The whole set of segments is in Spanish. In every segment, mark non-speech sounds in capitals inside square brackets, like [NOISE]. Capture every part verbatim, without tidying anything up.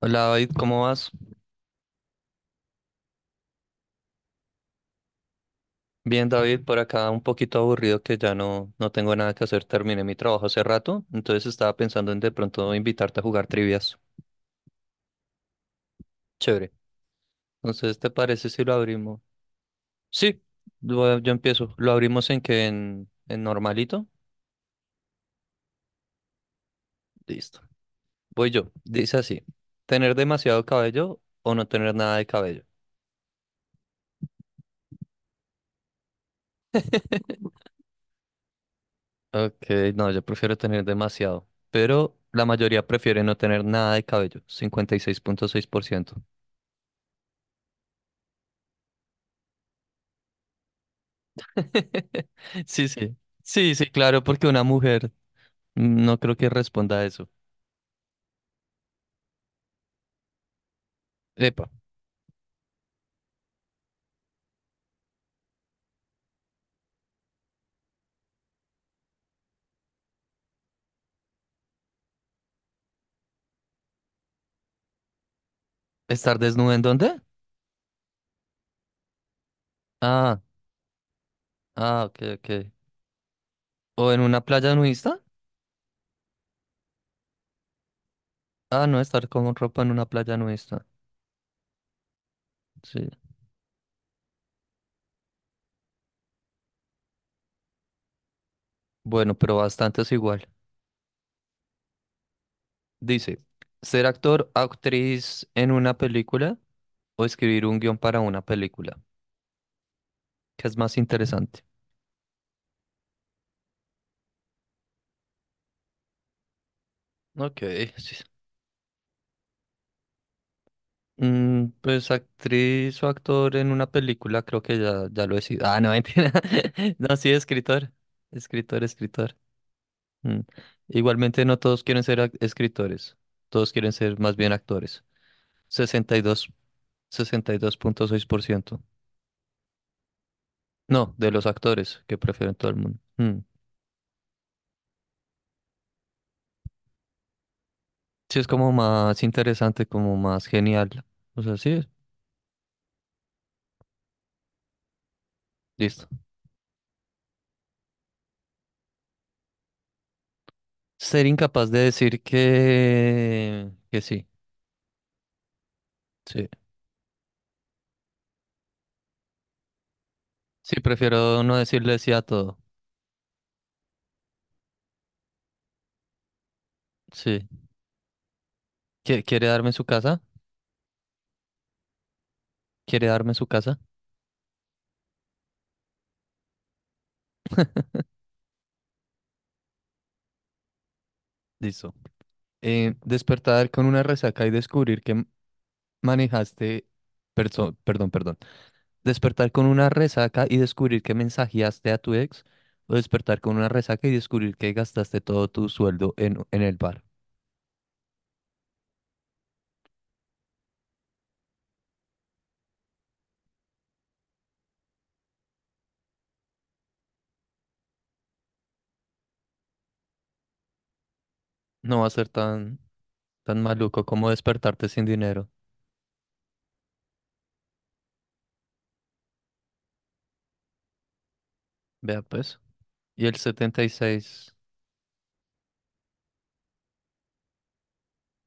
Hola David, ¿cómo vas? Bien David, por acá un poquito aburrido que ya no, no tengo nada que hacer, terminé mi trabajo hace rato, entonces estaba pensando en de pronto invitarte a jugar trivias. Chévere. Entonces, ¿te parece si lo abrimos? Sí, lo- yo empiezo. ¿Lo abrimos en que ¿En, en normalito? Listo. Voy yo. Dice así, ¿tener demasiado cabello o no tener nada de cabello? [LAUGHS] Ok, no, yo prefiero tener demasiado, pero la mayoría prefiere no tener nada de cabello, cincuenta y seis punto seis por ciento. [LAUGHS] Sí, sí. Sí, sí, claro, porque una mujer mm, no creo que responda a eso. Epa, ¿estar desnuda en dónde? Ah, ah, ok, ok. ¿O en una playa nudista? Ah, no, estar con ropa en una playa nudista. Sí. Bueno, pero bastante es igual. Dice, ¿ser actor, actriz en una película o escribir un guión para una película? ¿Qué es más interesante? Ok, [LAUGHS] sí. Mm, pues actriz o actor en una película, creo que ya, ya lo he sido. Ah, no, mentira. [LAUGHS] No, sí, escritor. Escritor, escritor. Mm. Igualmente no todos quieren ser ac- escritores. Todos quieren ser más bien actores. Sesenta sesenta y y dos, sesenta y dos punto seis por ciento. No, de los actores que prefieren todo el mundo. Mm. Sí, es como más interesante, como más genial. O sea, sí, listo. Ser incapaz de decir que, que sí. Sí. Sí, prefiero no decirle sí a todo. Sí. ¿Qui- ¿Quiere darme su casa? ¿Quiere darme su casa? Listo. Eh, despertar con una resaca y descubrir que m- manejaste... perso- perdón, perdón. Despertar con una resaca y descubrir que mensajeaste a tu ex. O despertar con una resaca y descubrir que gastaste todo tu sueldo en, en el bar. No va a ser tan, tan maluco como despertarte sin dinero. Vea pues. Y el setenta y seis.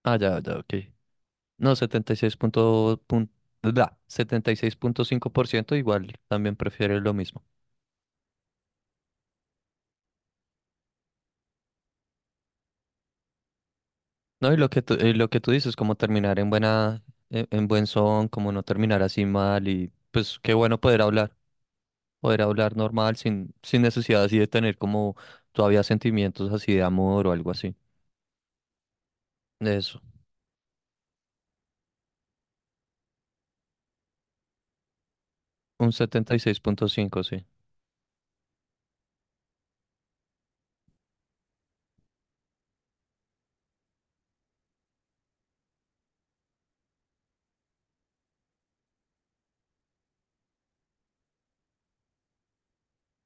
Ah, ya, ya, ok. No, setenta y seis punto, pun- bla, setenta y seis punto cinco por ciento igual también prefiere lo mismo. No, y lo que tú, y lo que tú dices, como terminar en buena, en, en buen son, como no terminar así mal y pues qué bueno poder hablar, poder hablar normal sin, sin necesidad así de tener como todavía sentimientos así de amor o algo así. Eso, un setenta y seis punto cinco sí.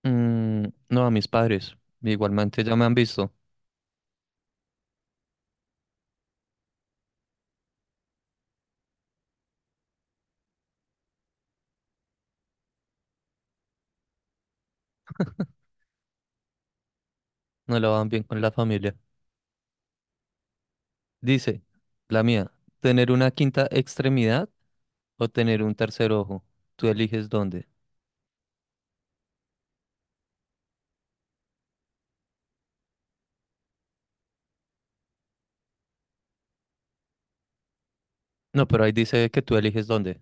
Mm, no, a mis padres, igualmente ya me han visto, no la van bien con la familia. Dice, la mía, tener una quinta extremidad o tener un tercer ojo. Tú eliges dónde. No, pero ahí dice que tú eliges dónde.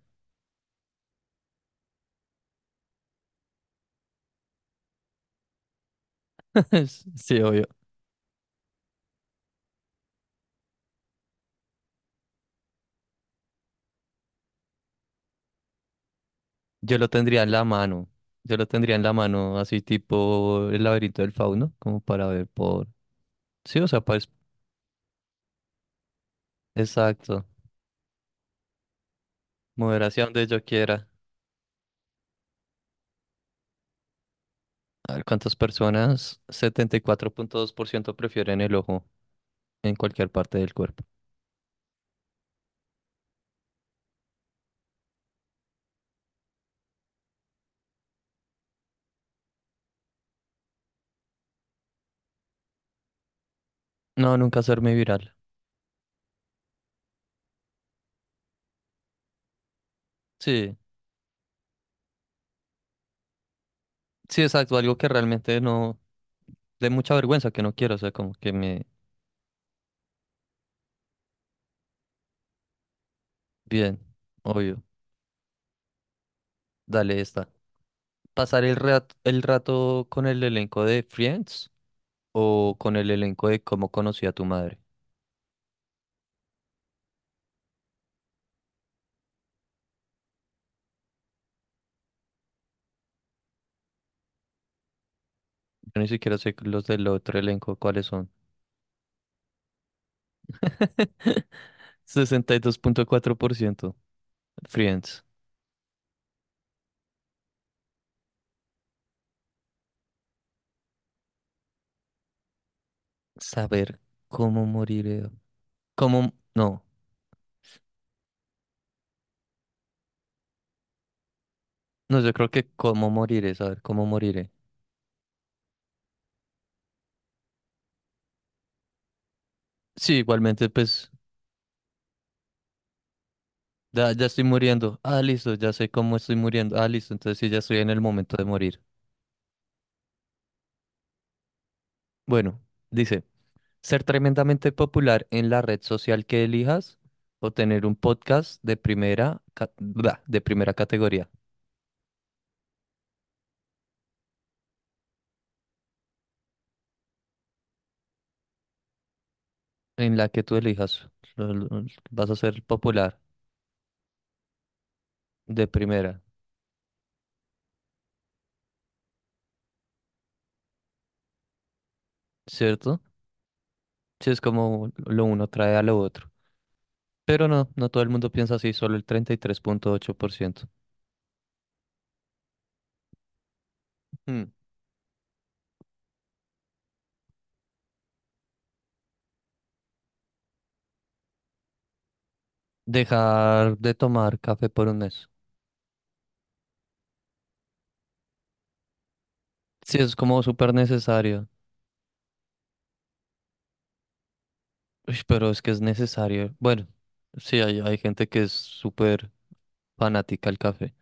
[LAUGHS] Sí, obvio. Yo lo tendría en la mano. Yo lo tendría en la mano, así tipo el laberinto del fauno, como para ver por... Sí, o sea, pues, exacto. Mover hacia donde yo quiera. A ver cuántas personas, setenta y cuatro punto dos por ciento prefieren el ojo en cualquier parte del cuerpo. No, nunca hacerme viral. Sí, sí, exacto. Algo que realmente no... de mucha vergüenza que no quiero, o sea, como que me... Bien, obvio, dale esta. ¿Pasar el rato, el rato con el elenco de Friends o con el elenco de Cómo conocí a tu madre? Yo ni siquiera sé los del otro elenco cuáles son. [LAUGHS] sesenta y dos punto cuatro por ciento Friends. Saber cómo moriré. Cómo... No, no, yo creo que cómo moriré, saber cómo moriré. Sí, igualmente, pues... Ya, ya estoy muriendo. Ah, listo, ya sé cómo estoy muriendo. Ah, listo, entonces sí, ya estoy en el momento de morir. Bueno, dice, ser tremendamente popular en la red social que elijas o tener un podcast de primera, ca- bla, de primera categoría en la que tú elijas. Lo- lo- Vas a ser popular de primera, ¿cierto? Sí, es como lo uno trae a lo otro. Pero no, no todo el mundo piensa así, solo el treinta y tres punto ocho por ciento. Hmm. Dejar de tomar café por un mes. Sí, es como súper necesario. Uy, pero es que es necesario. Bueno, sí, hay, hay gente que es súper fanática al café.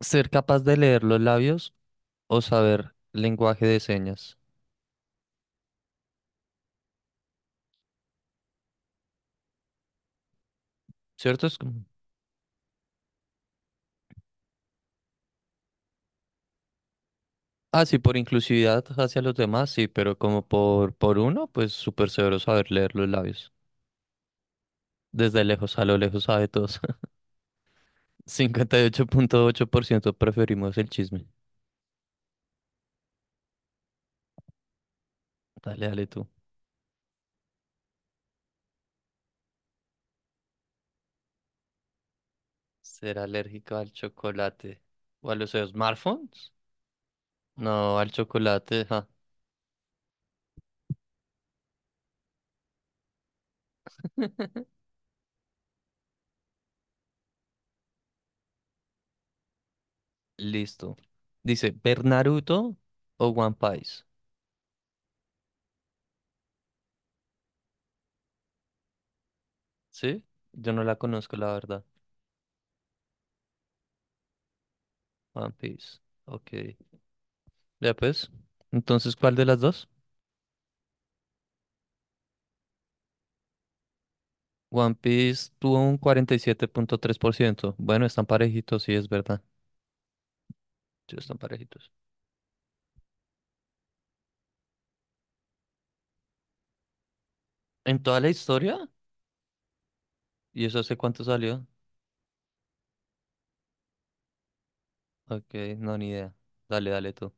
Ser capaz de leer los labios o saber lenguaje de señas, ¿cierto? Es como- Ah, sí, por inclusividad hacia los demás, sí, pero como por, por uno, pues súper severo saber leer los labios. Desde lejos a lo lejos sabe todos. [LAUGHS] Cincuenta y ocho punto ocho por ciento preferimos el chisme. Dale, dale tú. Ser alérgico al chocolate o a los smartphones. No, al chocolate, ja. [LAUGHS] Listo. Dice, ¿ver Naruto o One Piece? ¿Sí? Yo no la conozco, la verdad. One Piece. Ok. Ya pues. Entonces, ¿cuál de las dos? One Piece tuvo un cuarenta y siete punto tres por ciento. Bueno, están parejitos, sí, es verdad. Sí, están parejitos. ¿En toda la historia? ¿Y eso hace cuánto salió? Ok, no, ni idea. Dale, dale tú.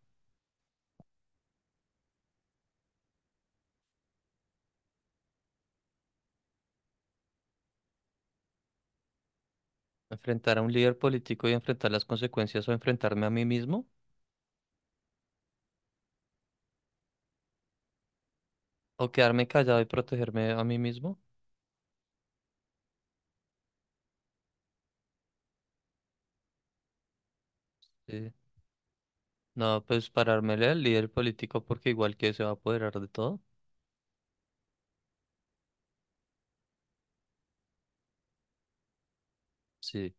¿Enfrentar a un líder político y enfrentar las consecuencias o enfrentarme a mí mismo? O quedarme callado y protegerme a mí mismo. Sí. No, pues parármele al líder político porque igual que se va a apoderar de todo. Sí.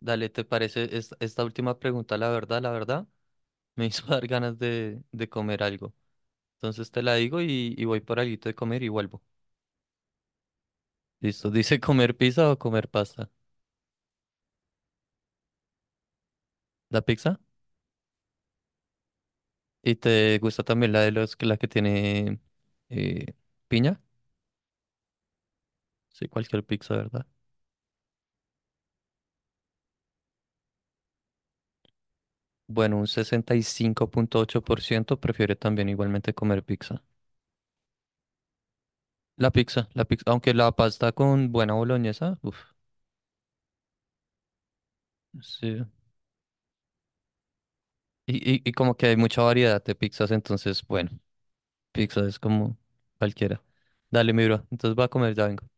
Dale, ¿te parece es- esta última pregunta? La verdad, la verdad, me hizo [LAUGHS] dar ganas de, de comer algo. Entonces te la digo y, y voy por algo de comer y vuelvo. Listo, dice [LAUGHS] comer pizza o comer pasta. ¿La pizza? ¿Y te gusta también la de los que la que tiene eh, piña? Sí, cualquier pizza, ¿verdad? Bueno, un sesenta y cinco punto ocho por ciento prefiere también igualmente comer pizza. La pizza, la pizza, aunque la pasta con buena boloñesa, uff, sí. Y, y, y como que hay mucha variedad de pizzas, entonces, bueno, pizza es como cualquiera. Dale, mi bro, entonces va a comer, ya vengo.